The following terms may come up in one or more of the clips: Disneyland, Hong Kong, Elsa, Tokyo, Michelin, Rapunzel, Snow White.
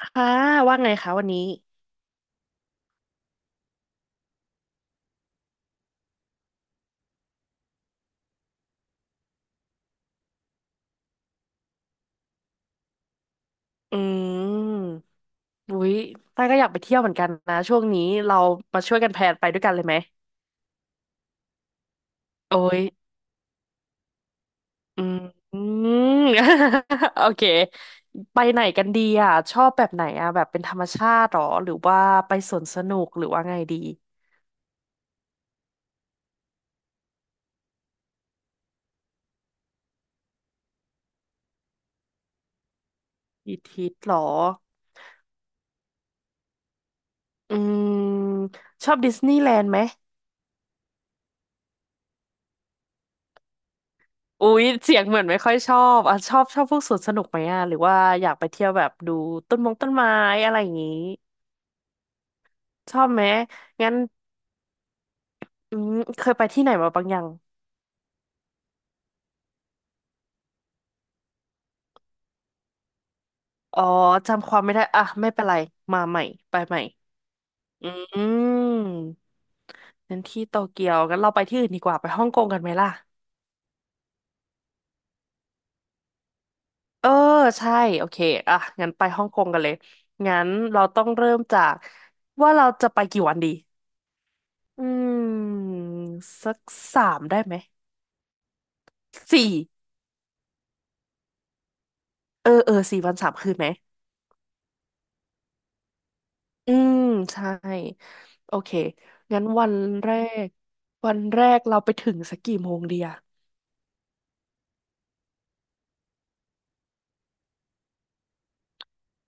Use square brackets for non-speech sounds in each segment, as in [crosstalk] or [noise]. ค่ะว่าไงคะวันนี้อืมอุ้ยต้าก็อยากไปเที่ยวเหมือนกันนะช่วงนี้เรามาช่วยกันแพลนไปด้วยกันเลยไหมโอ้ยอืม [laughs] อืม [laughs] โอเคไปไหนกันดีอ่ะชอบแบบไหนอ่ะแบบเป็นธรรมชาติหรอหรือว่าไปสวนสนุกหรือว่าไงดีอีทิตหรออืมชอบดิสนีย์แลนด์ไหมอุ้ยเสียงเหมือนไม่ค่อยชอบอ่ะชอบชอบพวกสวนสนุกไหมอ่ะหรือว่าอยากไปเที่ยวแบบดูต้นมงต้นไม้อะไรอย่างงี้ ชอบไหมงั้นอืมเคยไปที่ไหนมาบ้างยังอ๋อจำความไม่ได้อ่ะไม่เป็นไร มาใหม่ไปใหม่ อืมงั้นที่โตเกียวงั้นเราไปที่อื่นดีกว่าไปฮ่องกงกันไหมล่ะเออใช่โอเคอ่ะงั้นไปฮ่องกงกันเลย งั้นเราต้องเริ่มจากว่าเราจะไปกี่วันดี อืมสักสามได้ไหมสี่เออเออสี่วันสามคืนไหม อืมใช่โอเคงั้นแรกวันแรกเราไปถึงสักกี่โมงดีอะ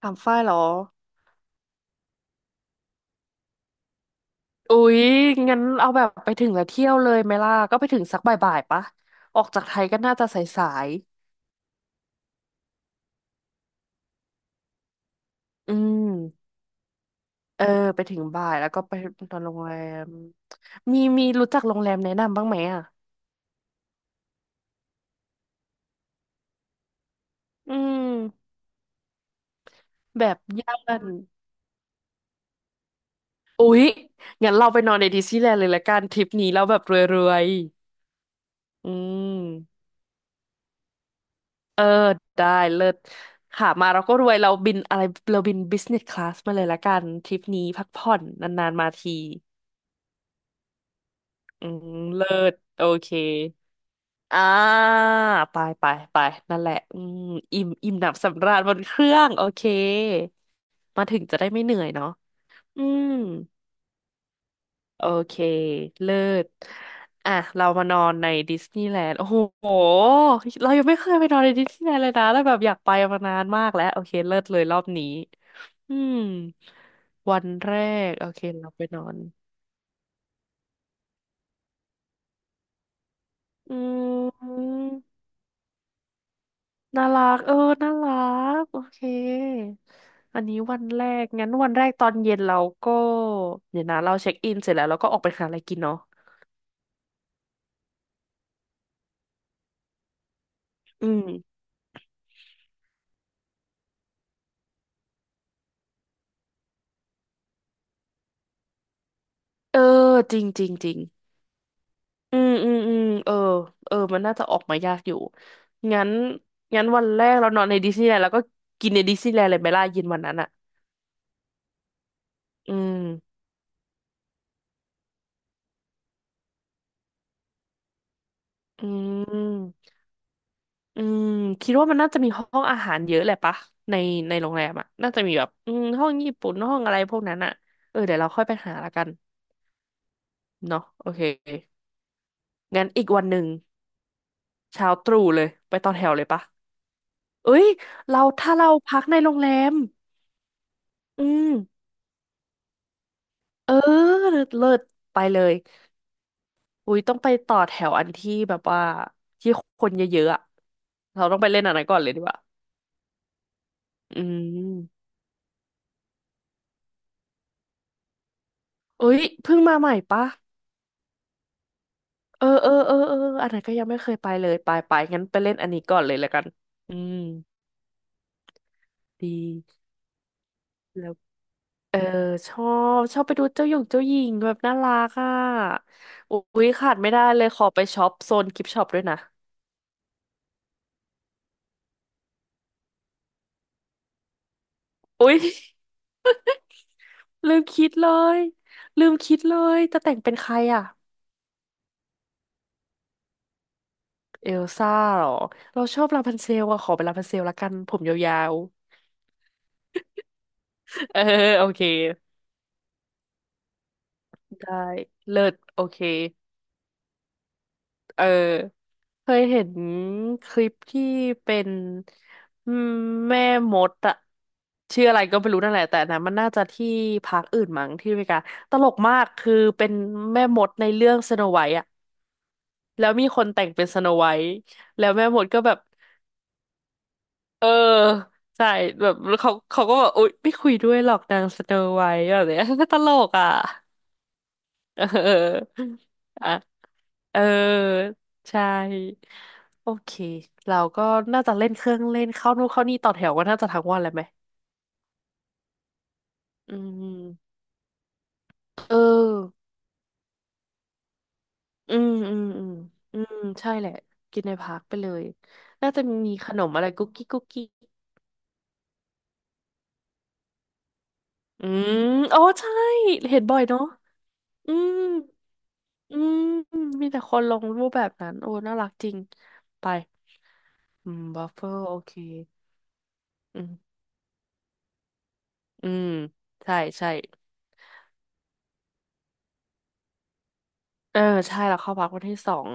ถามฝ้ายเหรออุ๊ยงั้นเอาแบบไปถึงแล้วเที่ยวเลยไหมล่ะก็ไปถึงสักบ่ายๆปะออกจากไทยก็น่าจะสายๆเออไปถึงบ่ายแล้วก็ไปนอนโรงแรมมีรู้จักโรงแรมแนะนำบ้างไหมอะอืมแบบย่านอุ๊ยงั้นเราไปนอนในดิสนีย์แลนด์เลยละกันทริปนี้เราแบบรวยๆม เออได้เลิศค่ะมาเราก็รวยเราบินอะไรเราบินบิสเนสคลาสมาเลยละกันทริปนี้พักผ่อนนานๆมาทีอืมเลิศโอเคอ่าไปไปไปนั่นแหละอิ่มหนำสำราญบนเครื่องโอเคมาถึงจะได้ไม่เหนื่อยเนาะอืมโอเคเลิศอ่ะเรามานอนในดิสนีย์แลนด์โอ้โหเรายังไม่เคยไปนอนในดิสนีย์แลนด์เลยนะแล้วแบบอยากไปมานานมากแล้วโอเคเลิศเลยรอบนี้ อืมวันแรกโอเคเราไปนอนอืมน่ารักเออน่ารักโอเคอันนี้วันแรกงั้นวันแรกตอนเย็นเราก็เดี๋ยวนะเราเช็คอินเสร็จแล้วเราก็ออกไปหาอะไรกินเนาะอืมเออจริงจริงจริงอืมเออเออมันน่าจะออกมายากอยู่งั้นงั้นวันแรกเรานอนในดิสนีย์แลนด์แล้วก็กินในดิสนีย์แลนด์เลยไหมล่ะเย็นวันนั้นอ่ะอืมอืม อืมคิดว่ามันน่าจะมีห้องอาหารเยอะแหละปะในในโรงแรมอ่ะน่าจะมีแบบห้องญี่ปุ่นห้องอะไรพวกนั้นอ่ะเออเดี๋ยวเราค่อยไปหาละกันเนาะโอเคงั้นอีกวันหนึ่งเช้าตรู่เลยไปต่อแถวเลยปะเอ้ยเราถ้าเราพักในโรงแรมอืมเออเลิศเลิศไปเลยอุ้ยต้องไปต่อแถวอันที่แบบว่าที่คนเยอะๆอ่ะเราต้องไปเล่นอันนั้นก่อนเลยดีกว่าอืมเอ้ยเพิ่งมาใหม่ปะ เออเออเออเอออันไหนก็ยังไม่เคยไปเลยไปไปงั้นไปเล่นอันนี้ก่อนเลยแล้วกันอืมดีแล้วเออชอชอบไปดูเจ้าหยงเจ้าหญิงแบบน่ารักอ่ะอุ๊ยขาดไม่ได้เลยขอไปช็อปโซนกิฟช็อปด้วยนะอุ๊ย [laughs] ลืมคิดเลยลืมคิดเลยจะแต่งเป็นใครอ่ะเอลซ่าเหรอเราชอบลาพันเซลอะขอเป็นลาพันเซลละกันผมยาวๆ [laughs] เออโอเคได้เลิศโอเคเออ เคยเห็นคลิปที่เป็นอืมแม่มดอะชื่ออะไรก็ไม่รู้นั่นแหละแต่อันนะมันน่าจะที่พักอื่นมั้งที่อเมริกาตลกมากคือเป็นแม่มดในเรื่องสโนไวท์อะแล้วมีคนแต่งเป็นสโนไวท์แล้วแม่มดก็แบบเออใช่แบบเขาก็แบบอุ๊ยไม่คุยด้วยหรอกนางสโนไวท์แบบเนี้ย [laughs] ตลกอะ เออ [laughs] อ่ะ เออ ใช่ โอเค เราก็น่าจะเล่นเครื่องเล่นเข้านู่นเข้านี่ต่อแถวกันน่าจะทั้งวันเลยไหมอืมเอออืมอืมอืมอืมใช่แหละกินในพักไปเลยน่าจะมีขนมอะไรกุ๊กกิ๊กกุ๊กกิ๊กอืมอ๋อใช่เห็นบ่อยเนาะอืมอืมมีแต่คนลงรูปแบบนั้นโอ้น่ารักจริงไปบัฟเฟอร์โอเคอืมอืมใช่ เออใช่แล้วเข้าพักวันที่สอง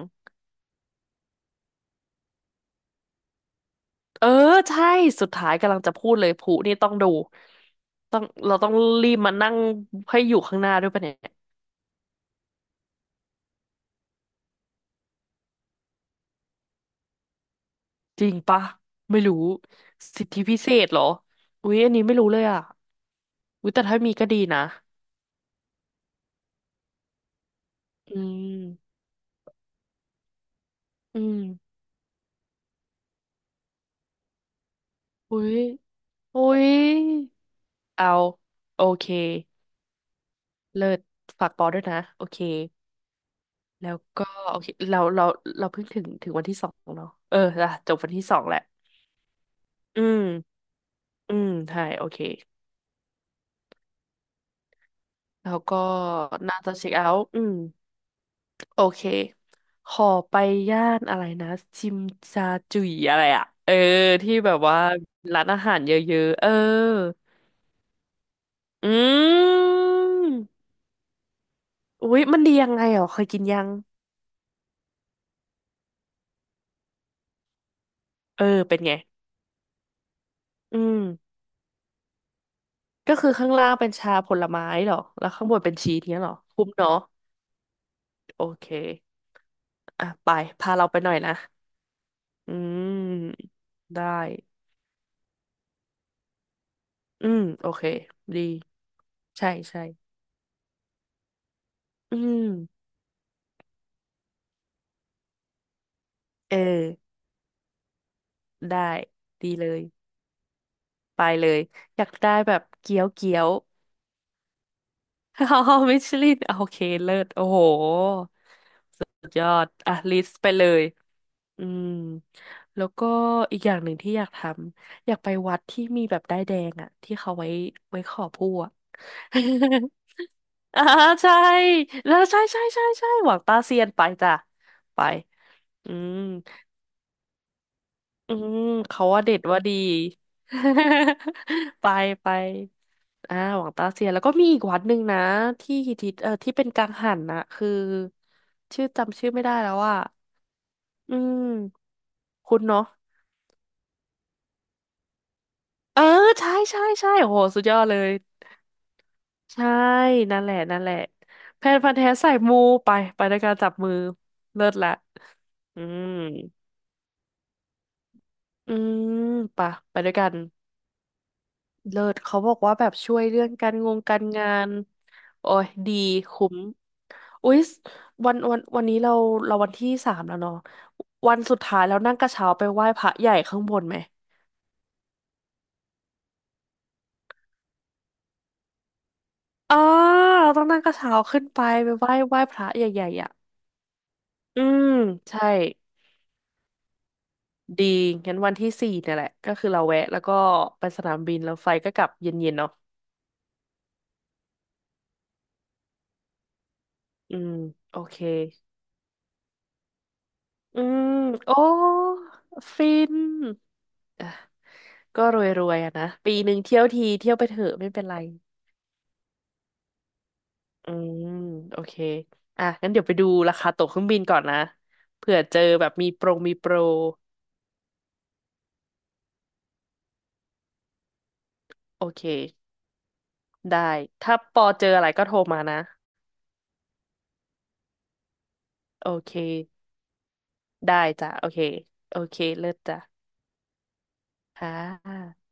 เออใช่สุดท้ายกำลังจะพูดเลยผู้นี่ต้องดูต้องเราต้องรีบมานั่งให้อยู่ข้างหน้าด้วยปะเนี่ยจริงปะไม่รู้สิทธิพิเศษเหรออุ๊ยอันนี้ไม่รู้เลยอ่ะอุ๊ยแต่ถ้ามีก็ดีนะอืมอืมอุ๊ยอุ๊ยเอาโอเคเลิศฝากปอด้วยนะโอเคแล้วก็โอเคเราเพิ่งถึงวันที่สองเนาะเอออ่ะจบวันที่สองแหละอืม อืมใช่โอเคแล้วก็น่าจะเช็คเอาท์อืมโอเคขอไปย่านอะไรนะจิมจาจุยอะไรอ่ะที่แบบว่าร้านอาหารเยอะๆอืมอุ๊ยมันดียังไงเหรอเคยกินยังเออเป็นไงอืมก็คือข้างล่างเป็นชาผลไม้เหรอ แล้วข้างบนเป็นชีสเนี้ยเหรอคุ้มเนาะโอเคอ่ะไป พาเราไปหน่อยนะ อืมได้ อืมโอเค ดี ใช่ใช่อืมเออ ได้ดีเลยไปเลยอยากได้แบบเกี๊ยวเกี๊ยว [laughs] อ่าฮ่มิชลินโอเคเลิศโอ้โหสุดยอดอ่ะลิสต์ไปเลยอืมแล้วก็อีกอย่างหนึ่งที่อยากทำอยากไปวัดที่มีแบบด้ายแดงอ่ะที่เขาไว้ขอผู้อ่ะ [laughs] อ่าใช่แล้วใช่ใช่ใช่ใช่หวังตาเซียนไปจ้ะไปอืม อืมเขาว่าเด็ดว่าดี [laughs] ไปไปอ่าหวังตาเสียแล้วก็มีอีกวัดหนึ่งนะที่ฮิตที่เป็นกังหันนะคือจำชื่อไม่ได้แล้วอ่ะอืมคุณเนาะเออใช่ใช่ใช่โอ้โหสุดยอดเลยใช่นั่นแหละนั่นแหละแพนพันธุ์แท้สายมูไปไปด้วยการจับมือเลิศละอืมอืมไปะไปด้วยกัน เลิศเขาบอกว่าแบบช่วยเรื่องการงานโอ้ยดีคุ้มอุ๊ยวันนี้เราวันที่สามแล้วเนาะวันสุดท้ายเ้วนั่งกระเช้าไปไหว้พระใหญ่ข้างบนไหมอ่าเราต้องนั่งกระเช้าขึ้นไปไหว้พระใหญ่ๆอ่ะอืมใช่ดีงั้นวันที่สี่เนี่ยแหละก็คือเราแวะแล้วก็ไปสนามบินแล้วไฟก็กลับเย็นๆเนาะอืมโอเคอืมโอ้ฟิน ก็รวยๆอะนะปีหนึ่งเที่ยวทีเที่ยวไปเถอะไม่เป็นไรอืมโอเคอ่ะงั้นเดี๋ยวไปดูราคาตั๋วเครื่องบินก่อนนะเผื่อเจอแบบมีโปรโอเคได้ถ้าปอเจออะไรก็โทรมานะโอเคได้จ้ะโอเคโอเคเลิศจ้ะค่ะ